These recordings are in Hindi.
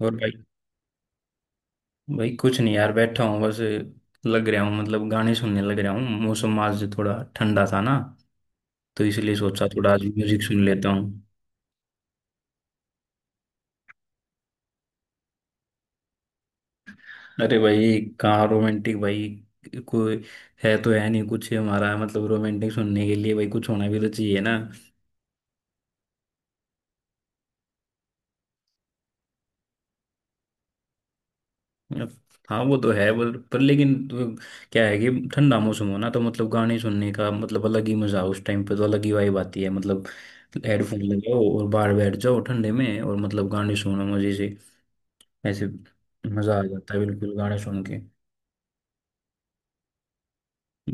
और भाई। भाई कुछ नहीं यार, बैठा हूँ बस। लग रहा हूँ मतलब गाने सुनने लग रहा हूँ। मौसम आज थोड़ा ठंडा था ना, तो इसलिए सोचा थोड़ा आज म्यूजिक सुन लेता हूँ। अरे भाई कहाँ रोमांटिक भाई, कोई है तो है नहीं कुछ हमारा, मतलब रोमांटिक सुनने के लिए भाई कुछ होना भी तो चाहिए ना। हाँ वो तो है पर, लेकिन तो क्या है कि ठंडा मौसम हो ना, तो मतलब गाने सुनने का मतलब अलग ही मजा, उस टाइम पे तो अलग ही वाइब आती है मतलब। हेडफोन लगाओ और बाहर बैठ जाओ ठंडे में, और मतलब गाने सुनो मजे से, ऐसे। मजा आ जाता है बिल्कुल गाने सुन के।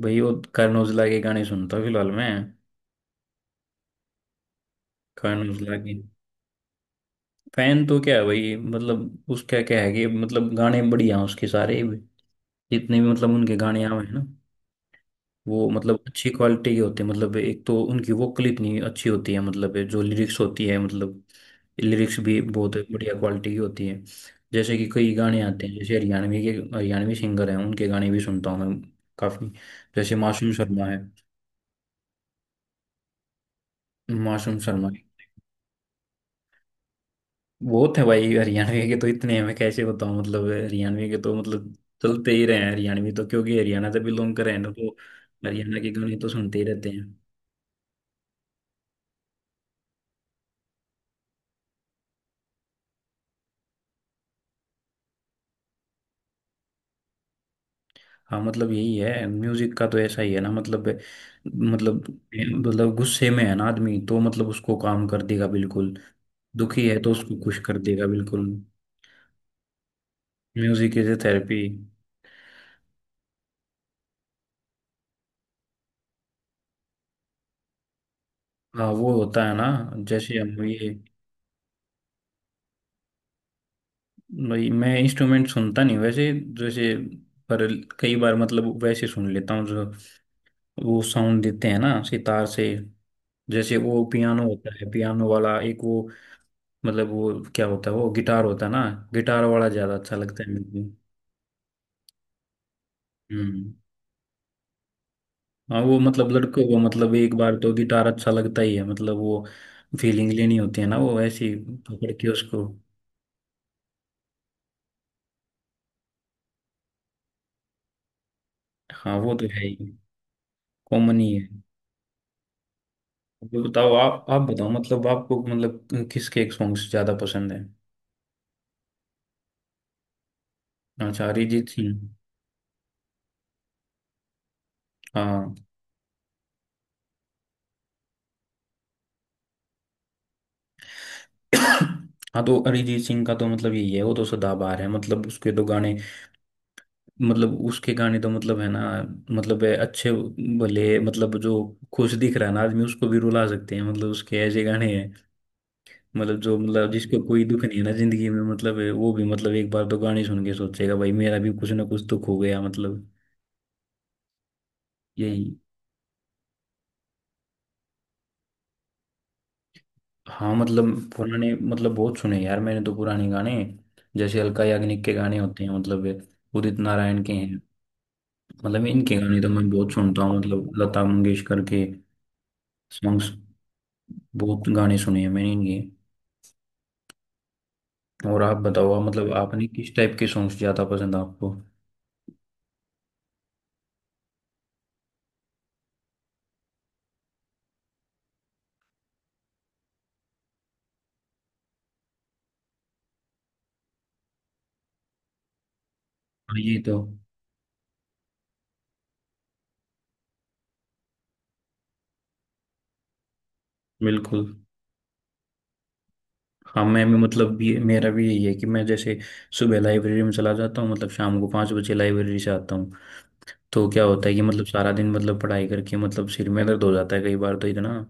भाई वो करण औजला के गाने सुनता हूँ फिलहाल मैं। करण औजला के फैन तो क्या है भाई, मतलब उसका क्या है कि मतलब गाने बढ़िया हैं उसके सारे भी, जितने भी मतलब उनके गाने आए हैं ना, वो मतलब अच्छी क्वालिटी के होते हैं। मतलब एक तो उनकी वोकल इतनी अच्छी होती है, मतलब जो लिरिक्स होती है, मतलब लिरिक्स भी बहुत बढ़िया क्वालिटी की होती है। जैसे कि कई गाने आते हैं जैसे हरियाणवी के, हरियाणवी सिंगर हैं उनके गाने भी सुनता हूँ मैं काफ़ी, जैसे मासूम शर्मा है। मासूम शर्मा। बहुत है भाई हरियाणवी के तो, इतने हैं मैं कैसे बताऊं, मतलब हरियाणवी के तो मतलब चलते ही रहे हैं हरियाणवी, तो क्योंकि हरियाणा से बिलोंग कर रहे हैं ना तो। हरियाणा के गाने तो सुनते ही रहते हैं। हाँ मतलब यही है म्यूजिक का तो, ऐसा ही है ना मतलब। मतलब गुस्से में है ना आदमी, तो मतलब उसको काम कर देगा बिल्कुल। दुखी है तो उसको खुश कर देगा बिल्कुल। Music is a therapy. हाँ वो होता है ना। जैसे हम ये, भाई मैं इंस्ट्रूमेंट सुनता नहीं वैसे। जैसे, पर कई बार मतलब वैसे सुन लेता हूँ, जो वो साउंड देते हैं ना सितार से। जैसे वो पियानो होता है, पियानो वाला एक वो, मतलब वो क्या होता है, वो गिटार होता है ना। गिटार वाला ज्यादा अच्छा लगता है मुझे। हम्म। हाँ वो मतलब लड़कों को मतलब एक बार तो गिटार अच्छा लगता ही है, मतलब वो फीलिंग लेनी होती है ना वो ऐसी, पकड़ के उसको। हाँ वो तो है ही। कॉमन ही है। ये बताओ आप बताओ, मतलब आपको मतलब किसके एक सॉन्ग्स ज्यादा पसंद है। अच्छा, अरिजीत सिंह। हाँ। हाँ तो अरिजीत सिंह का तो मतलब यही है, वो तो सदाबहार है, मतलब उसके तो गाने, मतलब उसके गाने तो मतलब है ना, मतलब है अच्छे। भले मतलब जो खुश दिख रहा है ना आदमी, उसको भी रुला सकते हैं मतलब, उसके ऐसे गाने हैं। मतलब जो मतलब जिसको कोई दुख नहीं है ना जिंदगी में, मतलब है, वो भी मतलब एक बार तो गाने सुन के सोचेगा भाई मेरा भी कुछ ना कुछ दुख हो गया मतलब। यही। हाँ मतलब पुराने मतलब बहुत सुने यार मैंने तो पुराने गाने, जैसे अलका याग्निक के गाने होते हैं, मतलब ये उदित नारायण के हैं। मतलब इनके गाने तो मैं बहुत सुनता हूँ, मतलब लता मंगेशकर के सॉन्ग्स, बहुत गाने सुने हैं मैंने इनके। और आप बताओ, आप मतलब आपने किस टाइप के सॉन्ग्स ज़्यादा पसंद है आपको। हाँ ये तो बिल्कुल। हाँ मैं भी मतलब ये मेरा भी यही है कि, मैं जैसे सुबह लाइब्रेरी में चला जाता हूँ, मतलब शाम को 5 बजे लाइब्रेरी से आता हूँ। तो क्या होता है कि मतलब सारा दिन मतलब पढ़ाई करके मतलब सिर में दर्द हो जाता है कई बार तो इतना,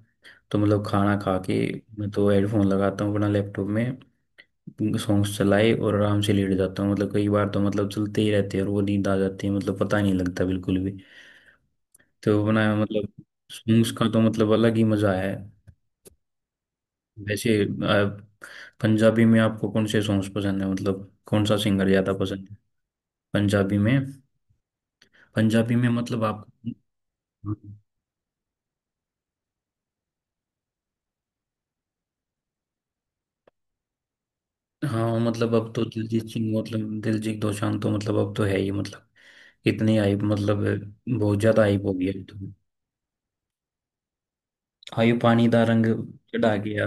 तो मतलब खाना खा के मैं तो हेडफोन लगाता हूँ अपना लैपटॉप में, सॉन्ग्स चलाए और आराम से लेट जाता हूँ। मतलब कई बार तो मतलब चलते ही रहते हैं, और वो नींद आ जाती है मतलब, पता नहीं लगता बिल्कुल भी। तो अपना मतलब सॉन्ग्स का तो मतलब अलग ही मजा है। वैसे पंजाबी में आपको कौन से सॉन्ग्स पसंद है, मतलब कौन सा सिंगर ज्यादा पसंद है पंजाबी में, मतलब आपको। हाँ मतलब अब तो दिलजीत सिंह, मतलब दिलजीत दोसांझ तो मतलब अब तो है ही मतलब, इतनी हाइप मतलब, बहुत ज्यादा हाइप हो गया तो। हाय पानी दा रंग चढ़ा गया।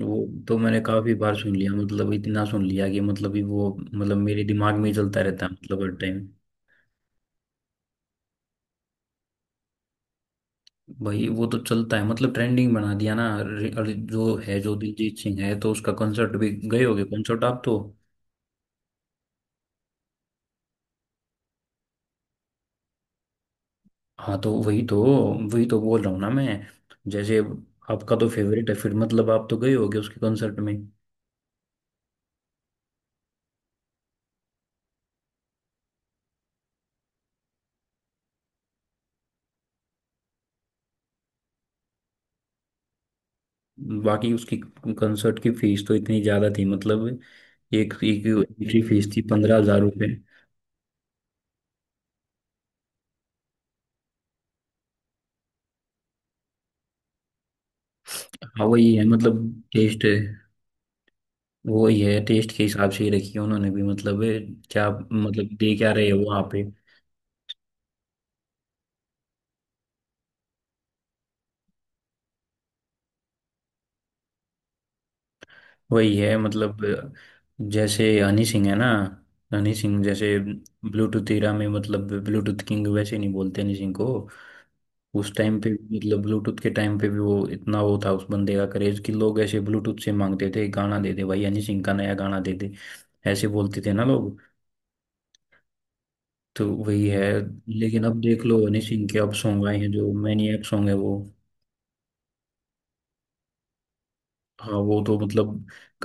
वो तो मैंने काफी बार सुन लिया, मतलब इतना सुन लिया कि मतलब ये वो मतलब मेरे दिमाग में ही चलता रहता है मतलब हर टाइम। भाई वो तो चलता है मतलब ट्रेंडिंग बना दिया ना। अरे, जो है जो दिलजीत सिंह है, तो उसका कंसर्ट भी गए होगे, कंसर्ट आप तो। हाँ तो वही तो, बोल रहा हूँ ना मैं। जैसे आपका तो फेवरेट है फिर, मतलब आप तो गए होगे उसके कंसर्ट में। बाकी उसकी कंसर्ट की फीस तो इतनी ज़्यादा थी मतलब, एक एक एंट्री फीस थी 15,000 रुपये। हाँ वही है मतलब टेस्ट, वही है टेस्ट के हिसाब से ही रखी है उन्होंने भी मतलब। क्या मतलब दे क्या रहे हो वहाँ पे। वही है मतलब। जैसे हनी सिंह है ना, हनी सिंह जैसे ब्लूटूथ एरा में, मतलब ब्लूटूथ किंग वैसे नहीं बोलते हनी सिंह को। उस टाइम पे भी मतलब ब्लूटूथ के टाइम पे भी, वो इतना वो था उस बंदे का करेज कि, लोग ऐसे ब्लूटूथ से मांगते थे, गाना दे दे भाई हनी सिंह का नया गाना दे दे, ऐसे बोलते थे ना लोग। तो वही है। लेकिन अब देख लो हनी सिंह के अब सॉन्ग आए हैं, जो मैनिएक सॉन्ग है वो। हाँ वो तो मतलब,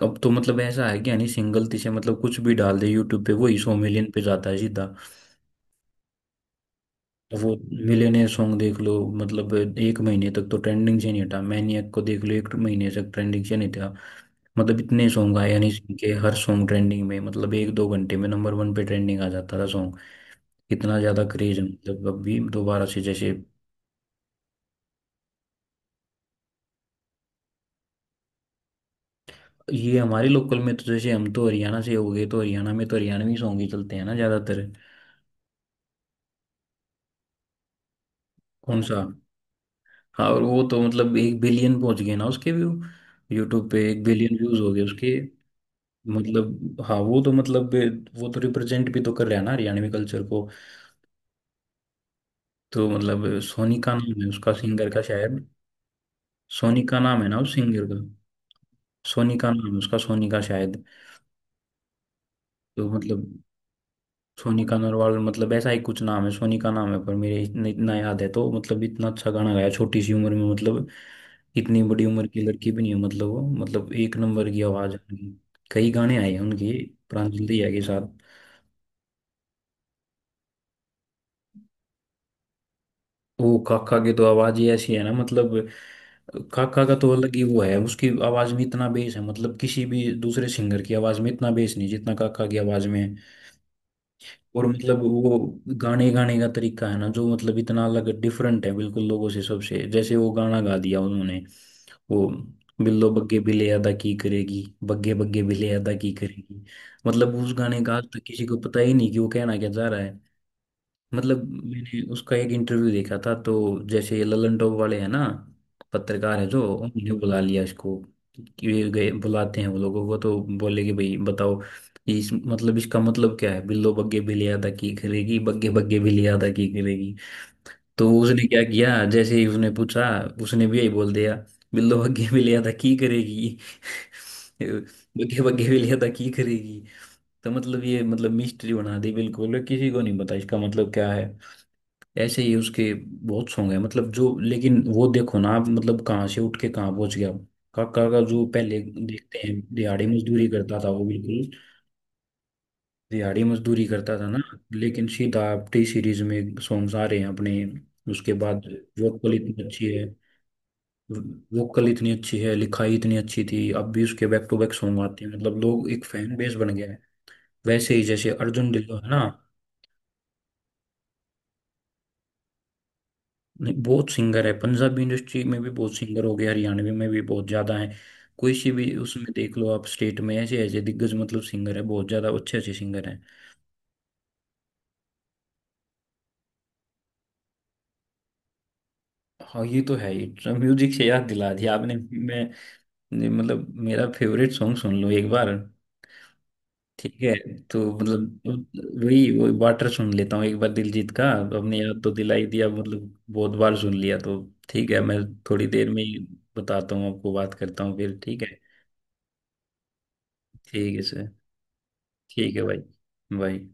अब तो मतलब ऐसा है कि, हनी सिंह गलती से मतलब कुछ भी डाल दे यूट्यूब पे, वही 100 मिलियन पे जाता है सीधा। वो मिलियनेयर सॉन्ग देख लो मतलब, एक महीने तक तो ट्रेंडिंग से नहीं हटा, मैनिएक को देख लो, एक महीने तक ट्रेंडिंग से नहीं था। मतलब इतने सॉन्ग आए हनी सिंह के, हर सॉन्ग ट्रेंडिंग में, मतलब एक दो घंटे में नंबर 1 पे ट्रेंडिंग आ जाता था सॉन्ग। इतना ज्यादा क्रेज है मतलब, अभी दोबारा से जैसे। ये हमारे लोकल में तो जैसे, हम तो हरियाणा से हो गए, तो हरियाणा में तो हरियाणवी सॉन्ग ही चलते हैं ना ज्यादातर। कौन सा। हाँ, और वो तो मतलब 1 बिलियन पहुंच गए ना उसके व्यू, यूट्यूब पे 1 बिलियन व्यूज हो गए उसके। मतलब हाँ वो तो मतलब, वो तो रिप्रेजेंट भी तो कर रहा है ना हरियाणवी कल्चर को। तो मतलब सोनी का नाम है उसका, सिंगर का शायद। सोनी का नाम है ना उस सिंगर का, सोनिका नाम है उसका, सोनिका शायद। तो मतलब सोनिका नरवाल, मतलब ऐसा ही कुछ नाम है। सोनिका नाम है पर, मेरे इतना इतना याद है तो, मतलब इतना अच्छा गाना गाया छोटी सी उम्र में मतलब, इतनी बड़ी उम्र की लड़की भी नहीं है मतलब वो, मतलब एक नंबर की आवाज है उनकी। कई गाने आए हैं उनकी, प्रांजल दहिया के साथ। वो काका की तो आवाज ही ऐसी है ना मतलब, काका का तो अलग ही वो है, उसकी आवाज में इतना बेस है मतलब, किसी भी दूसरे सिंगर की आवाज में इतना बेस नहीं जितना काका की आवाज में है। और मतलब वो गाने, गाने का तरीका है ना जो, मतलब इतना अलग डिफरेंट है बिल्कुल लोगों से सबसे, जैसे वो गाना गा दिया उन्होंने, वो बिल्लो बग्गे बिले अदा की करेगी, बग्गे बग्गे बिले अदा की करेगी। मतलब उस गाने का आज तक किसी को पता ही नहीं कि वो कहना क्या चाह रहा है। मतलब मैंने उसका एक इंटरव्यू देखा था तो, जैसे ये ललन टॉप वाले हैं ना पत्रकार है जो, उन्होंने बुला लिया इसको कि, ये गए बुलाते हैं वो लोगों को, तो बोले कि भाई बताओ इस, मतलब इसका मतलब क्या है बिल्लो बग्गे बिलियादा की करेगी, बग्गे बग्गे बिलियादा की करेगी। तो उसने क्या किया, जैसे ही उसने पूछा उसने भी यही बोल दिया, बिल्लो बग्गे बिलियादा की करेगी, बग्गे बग्गे बिलियादा की करेगी। तो मतलब ये मतलब मिस्ट्री बना दी बिल्कुल, किसी को नहीं पता इसका मतलब क्या है। ऐसे ही उसके बहुत सॉन्ग है मतलब जो, लेकिन वो देखो ना आप, मतलब कहाँ से उठ के कहाँ पहुंच गया, काका का जो पहले देखते हैं दिहाड़ी मजदूरी करता था वो, बिल्कुल दिहाड़ी मजदूरी करता था ना। लेकिन सीधा आप टी सीरीज में सॉन्ग्स आ रहे हैं अपने उसके बाद। वोकल इतनी अच्छी है, वोकल इतनी अच्छी है, लिखाई इतनी अच्छी थी, अब भी उसके बैक टू बैक सॉन्ग आते हैं मतलब, लोग एक फैन बेस बन गया है। वैसे ही जैसे अर्जुन ढिल्लों है ना। नहीं, बहुत सिंगर है पंजाबी इंडस्ट्री में भी, बहुत सिंगर हो गए हरियाणवी में भी, बहुत ज्यादा है। कोई सी भी उसमें देख लो आप स्टेट में, ऐसे ऐसे दिग्गज मतलब सिंगर है, बहुत ज्यादा अच्छे अच्छे सिंगर हैं। हाँ ये तो है ही। म्यूजिक से याद दिला दिया आपने। मैं ने- मतलब मेरा फेवरेट सॉन्ग सुन लो एक बार। ठीक है। तो मतलब वही वही वाटर सुन लेता हूँ एक बार दिलजीत का। अपने याद तो दिला ही दिया, मतलब बहुत बार सुन लिया तो। ठीक है, मैं थोड़ी देर में ही बताता हूँ आपको, बात करता हूँ फिर। ठीक है, ठीक है सर। ठीक है भाई। भाई।